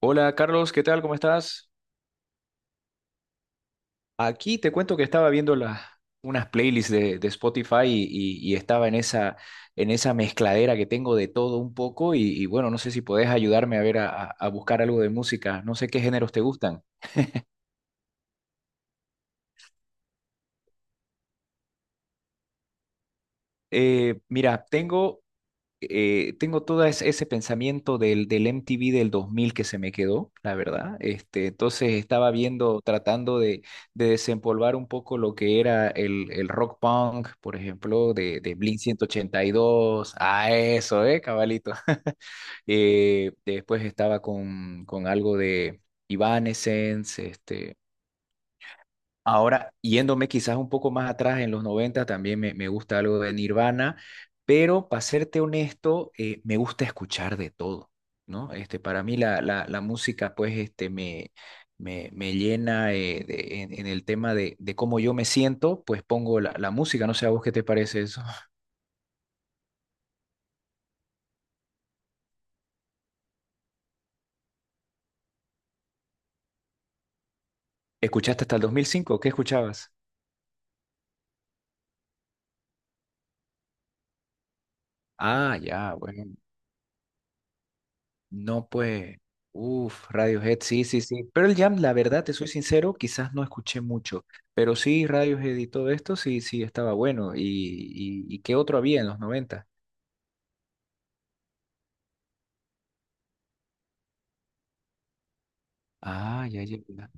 Hola Carlos, ¿qué tal? ¿Cómo estás? Aquí te cuento que estaba viendo las unas playlists de Spotify y, y estaba en esa mezcladera que tengo de todo un poco y bueno, no sé si podés ayudarme a ver a buscar algo de música, no sé qué géneros te gustan. Mira, tengo todo ese pensamiento del MTV del 2000 que se me quedó, la verdad. Este, entonces estaba viendo, tratando de desempolvar un poco lo que era el rock punk, por ejemplo, de Blink 182. Ah, eso, ¿eh, cabalito? Después estaba con algo de Evanescence, este, ahora, yéndome quizás un poco más atrás, en los 90 también me gusta algo de Nirvana, pero para serte honesto, me gusta escuchar de todo, ¿no? Este, para mí la música, pues, este, me llena en el tema de cómo yo me siento, pues pongo la música, no sé a vos qué te parece eso. ¿Escuchaste hasta el 2005? ¿Qué escuchabas? Ah, ya, bueno. No, pues, uff, Radiohead, sí, sí, sí. Pearl Jam, la verdad, te soy sincero, quizás no escuché mucho, pero sí, Radiohead y todo esto, sí, sí, estaba bueno. ¿Y qué otro había en los noventa? Ah, ya, ya, ya.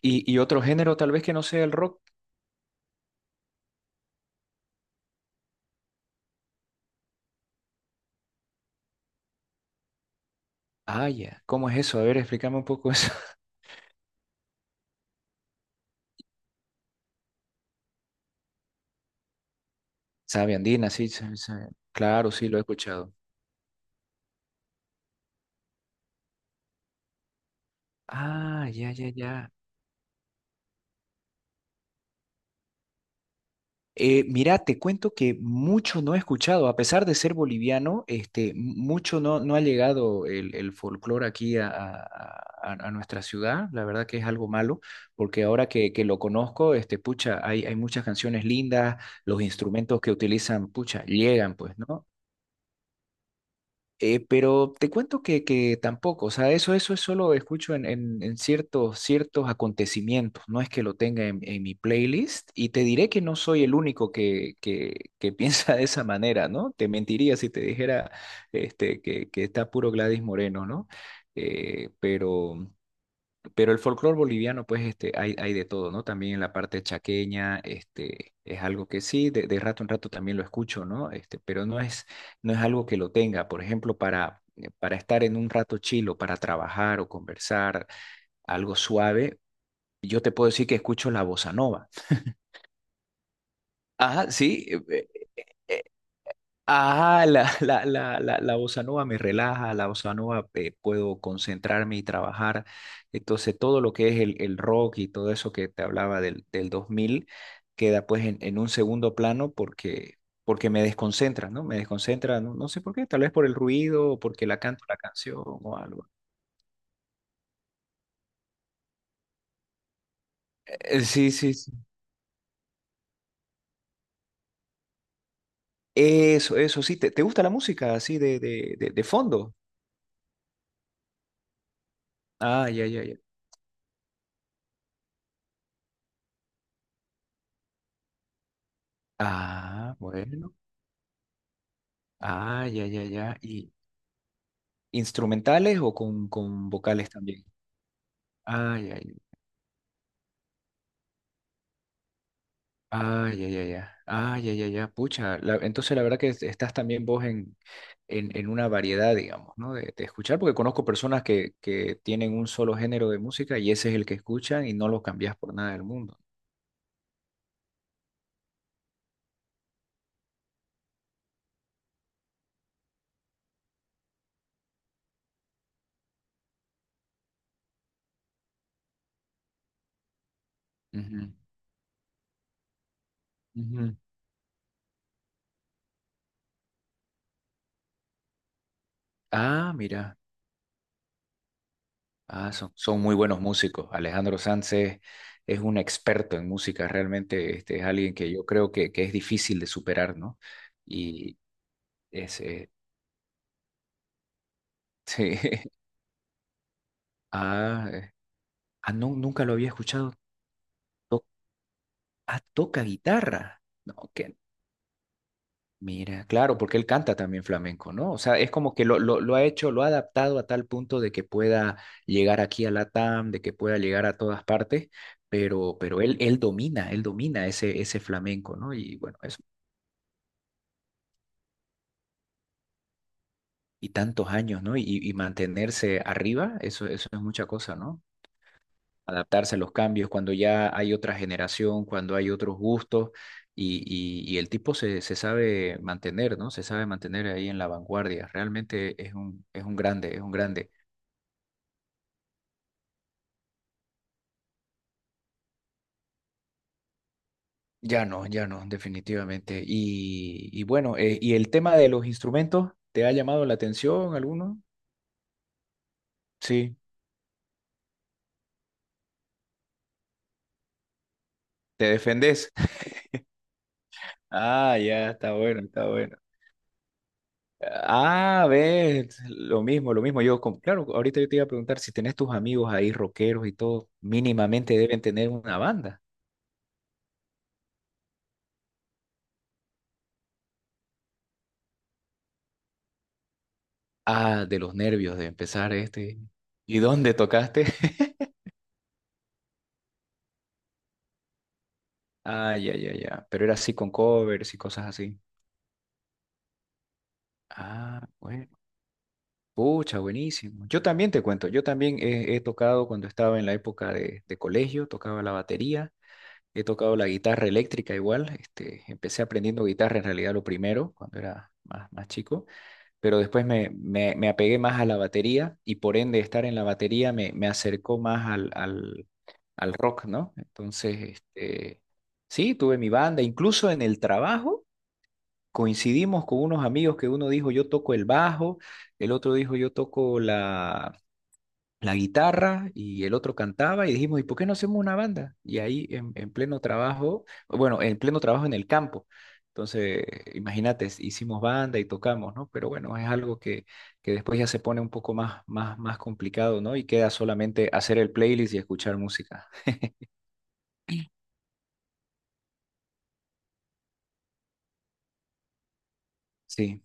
¿Y otro género tal vez que no sea el rock? Ah, ya. ¿Cómo es eso? A ver, explícame un poco eso. Sabe andina, sí, sabe. Claro, sí, lo he escuchado. Ah, ya, ya, ya. Mira, te cuento que mucho no he escuchado, a pesar de ser boliviano, este, mucho no ha llegado el folclore aquí a nuestra ciudad. La verdad que es algo malo, porque ahora que lo conozco, este, pucha, hay muchas canciones lindas, los instrumentos que utilizan, pucha, llegan, pues, ¿no? Pero te cuento que tampoco, o sea, eso es solo escucho en, en ciertos, ciertos acontecimientos, no es que lo tenga en mi playlist y te diré que no soy el único que piensa de esa manera, ¿no? Te mentiría si te dijera este, que está puro Gladys Moreno, ¿no? Eh, pero... Pero el folclore boliviano, pues, este, hay de todo, ¿no? También en la parte chaqueña, este, es algo que sí, de rato en rato también lo escucho, ¿no? Este, pero no es algo que lo tenga. Por ejemplo, para estar en un rato chilo, para trabajar o conversar, algo suave, yo te puedo decir que escucho la bossa nova. Ajá, sí, eh, ah, la bossa nova me relaja, la bossa nova puedo concentrarme y trabajar. Entonces, todo lo que es el rock y todo eso que te hablaba del 2000 queda pues en un segundo plano porque, porque me desconcentra, ¿no? Me desconcentra, no, no sé por qué, tal vez por el ruido o porque la canto la canción o algo. Sí, sí, sí. Eso, sí. ¿Te gusta la música así de fondo? Ah, ya, ya, ya. Ah, bueno. Ah, ya, ya, ya. ¿Instrumentales o con vocales también? Ay, ay, ay, ay, ay, ay, ay, ay, ay, ay, pucha. Entonces la verdad que estás también vos en, en una variedad, digamos, ¿no? De escuchar, porque conozco personas que tienen un solo género de música y ese es el que escuchan y no lo cambias por nada del mundo. Ujú, ujú. Ah, mira, son muy buenos músicos. Alejandro Sanz es un experto en música, realmente este, es alguien que yo creo que es difícil de superar, ¿no? Y es, eh, Sí. Ah. Ah, no, nunca lo había escuchado. To- Toca guitarra. No, que mira, claro, porque él canta también flamenco, ¿no? O sea, es como que lo ha hecho, lo ha adaptado a tal punto de que pueda llegar aquí a Latam, de que pueda llegar a todas partes, pero él domina, él domina ese flamenco, ¿no? Y bueno, eso, y tantos años, ¿no? Y mantenerse arriba, eso es mucha cosa, ¿no? Adaptarse a los cambios, cuando ya hay otra generación, cuando hay otros gustos y, y el tipo se sabe mantener, ¿no? Se sabe mantener ahí en la vanguardia. Realmente es un grande, es un grande. Ya no, ya no, definitivamente. Y bueno, ¿y el tema de los instrumentos? ¿Te ha llamado la atención alguno? Sí, te defendés. Ah, ya, está bueno, está bueno. Ah, ves, lo mismo, lo mismo. Claro, ahorita yo te iba a preguntar si tenés tus amigos ahí rockeros y todo, mínimamente deben tener una banda. Ah, de los nervios de empezar este. ¿Y dónde tocaste? Ah, ya, ya, ya. Pero era así con covers y cosas así. Ah, bueno. Pucha, buenísimo. Yo también te cuento, yo también he tocado cuando estaba en la época de colegio, tocaba la batería. He tocado la guitarra eléctrica igual, este, empecé aprendiendo guitarra en realidad lo primero, cuando era más chico, pero después me, me apegué más a la batería y por ende estar en la batería me acercó más al rock, ¿no? Entonces, este, sí, tuve mi banda, incluso en el trabajo coincidimos con unos amigos que uno dijo yo toco el bajo, el otro dijo yo toco la guitarra y el otro cantaba y dijimos, ¿y por qué no hacemos una banda? Y ahí en pleno trabajo, bueno, en pleno trabajo en el campo. Entonces, imagínate, hicimos banda y tocamos, ¿no? Pero bueno, es algo que después ya se pone un poco más complicado, ¿no? Y queda solamente hacer el playlist y escuchar música. Sí,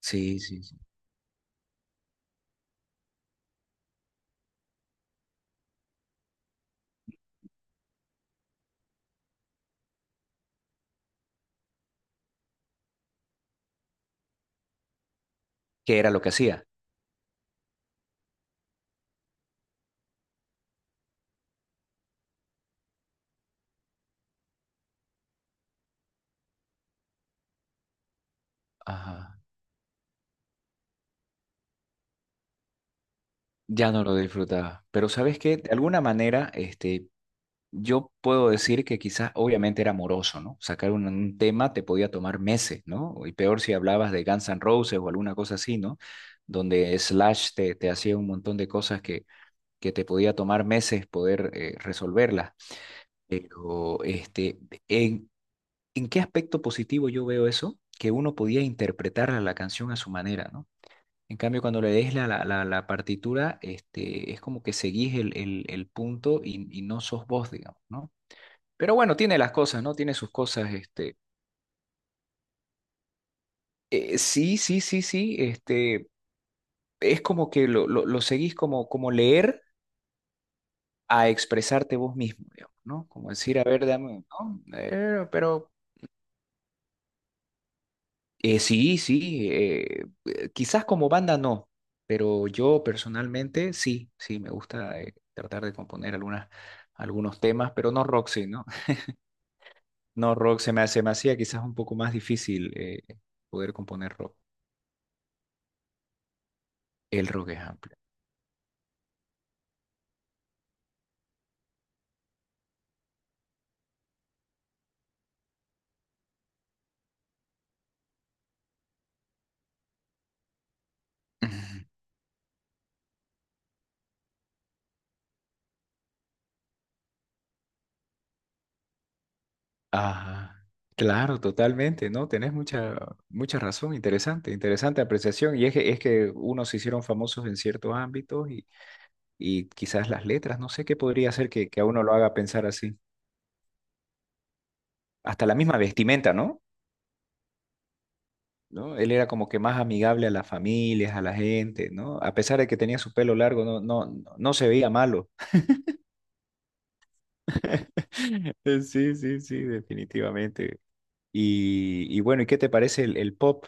sí, sí, sí. ¿Qué era lo que hacía? Ajá. Ya no lo disfrutaba. Pero ¿sabes qué? De alguna manera, este, yo puedo decir que quizás obviamente era moroso, ¿no? Sacar un tema te podía tomar meses, ¿no? Y peor si hablabas de Guns N' Roses o alguna cosa así, ¿no? Donde Slash te hacía un montón de cosas que te podía tomar meses poder resolverlas. Pero, este, ¿en, en qué aspecto positivo yo veo eso? Que uno podía interpretar la canción a su manera, ¿no? En cambio, cuando lees la partitura, este, es como que seguís el punto y no sos vos, digamos, ¿no? Pero bueno, tiene las cosas, ¿no? Tiene sus cosas, este. Sí, sí, sí, sí, este. Es como que lo seguís como leer a expresarte vos mismo, digamos, ¿no? Como decir, a ver, dame, ¿no? Pero sí, sí, quizás como banda no, pero yo personalmente sí, sí, me gusta tratar de componer algunos temas, pero no rock, sí, ¿no? No rock, me hacía quizás un poco más difícil poder componer rock. El rock es amplio. Ajá. Claro, totalmente, ¿no? Tenés mucha, mucha razón, interesante, interesante apreciación. Y es que, unos se hicieron famosos en ciertos ámbitos y quizás las letras, no sé qué podría hacer que a uno lo haga pensar así. Hasta la misma vestimenta, ¿no? ¿No? Él era como que más amigable a las familias, a la gente, ¿no? A pesar de que tenía su pelo largo, no, no, no no se veía malo. Sí, sí, sí, definitivamente. Y bueno, ¿y qué te parece el pop?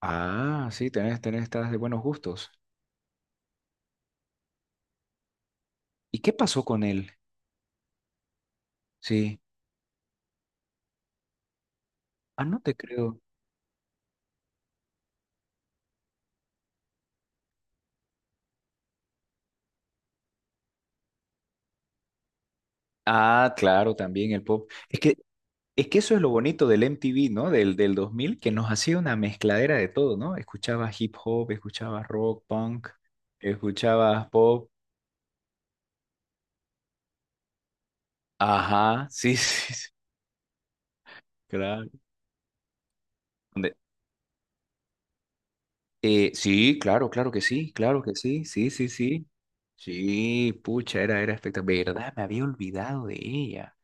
Ah, sí, tenés, estás de buenos gustos. ¿Y qué pasó con él? Sí. Ah, no te creo. Ah, claro, también el pop. es que eso es lo bonito del MTV, ¿no? Del 2000, que nos hacía una mezcladera de todo, ¿no? Escuchabas hip hop, escuchabas rock, punk, escuchabas pop. Ajá, sí, sí, sí, claro. Donde- sí, claro, claro que sí, sí, sí, sí. Sí, pucha, era espectacular. ¿Verdad? Me había olvidado de ella.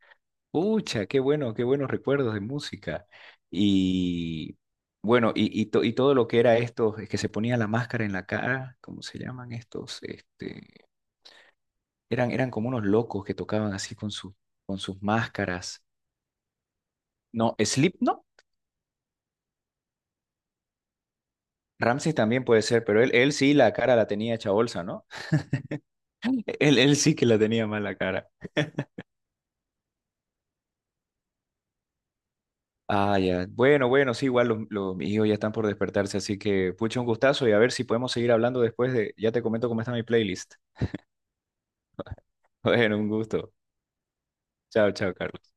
Pucha, qué bueno, qué buenos recuerdos de música. Y bueno, y todo lo que era esto es que se ponía la máscara en la cara, ¿cómo se llaman estos? Este, eran como unos locos que tocaban así con sus máscaras. No, no, Ramsey también puede ser, pero él sí la cara la tenía hecha bolsa, ¿no? Él sí que la tenía mal la cara. Ah, ya. Bueno, bueno, sí, igual los, mis hijos ya están por despertarse, así que pucha, un gustazo y a ver si podemos seguir hablando después de, ya te comento cómo está mi playlist. Bueno, un gusto. Chao, chao, Carlos.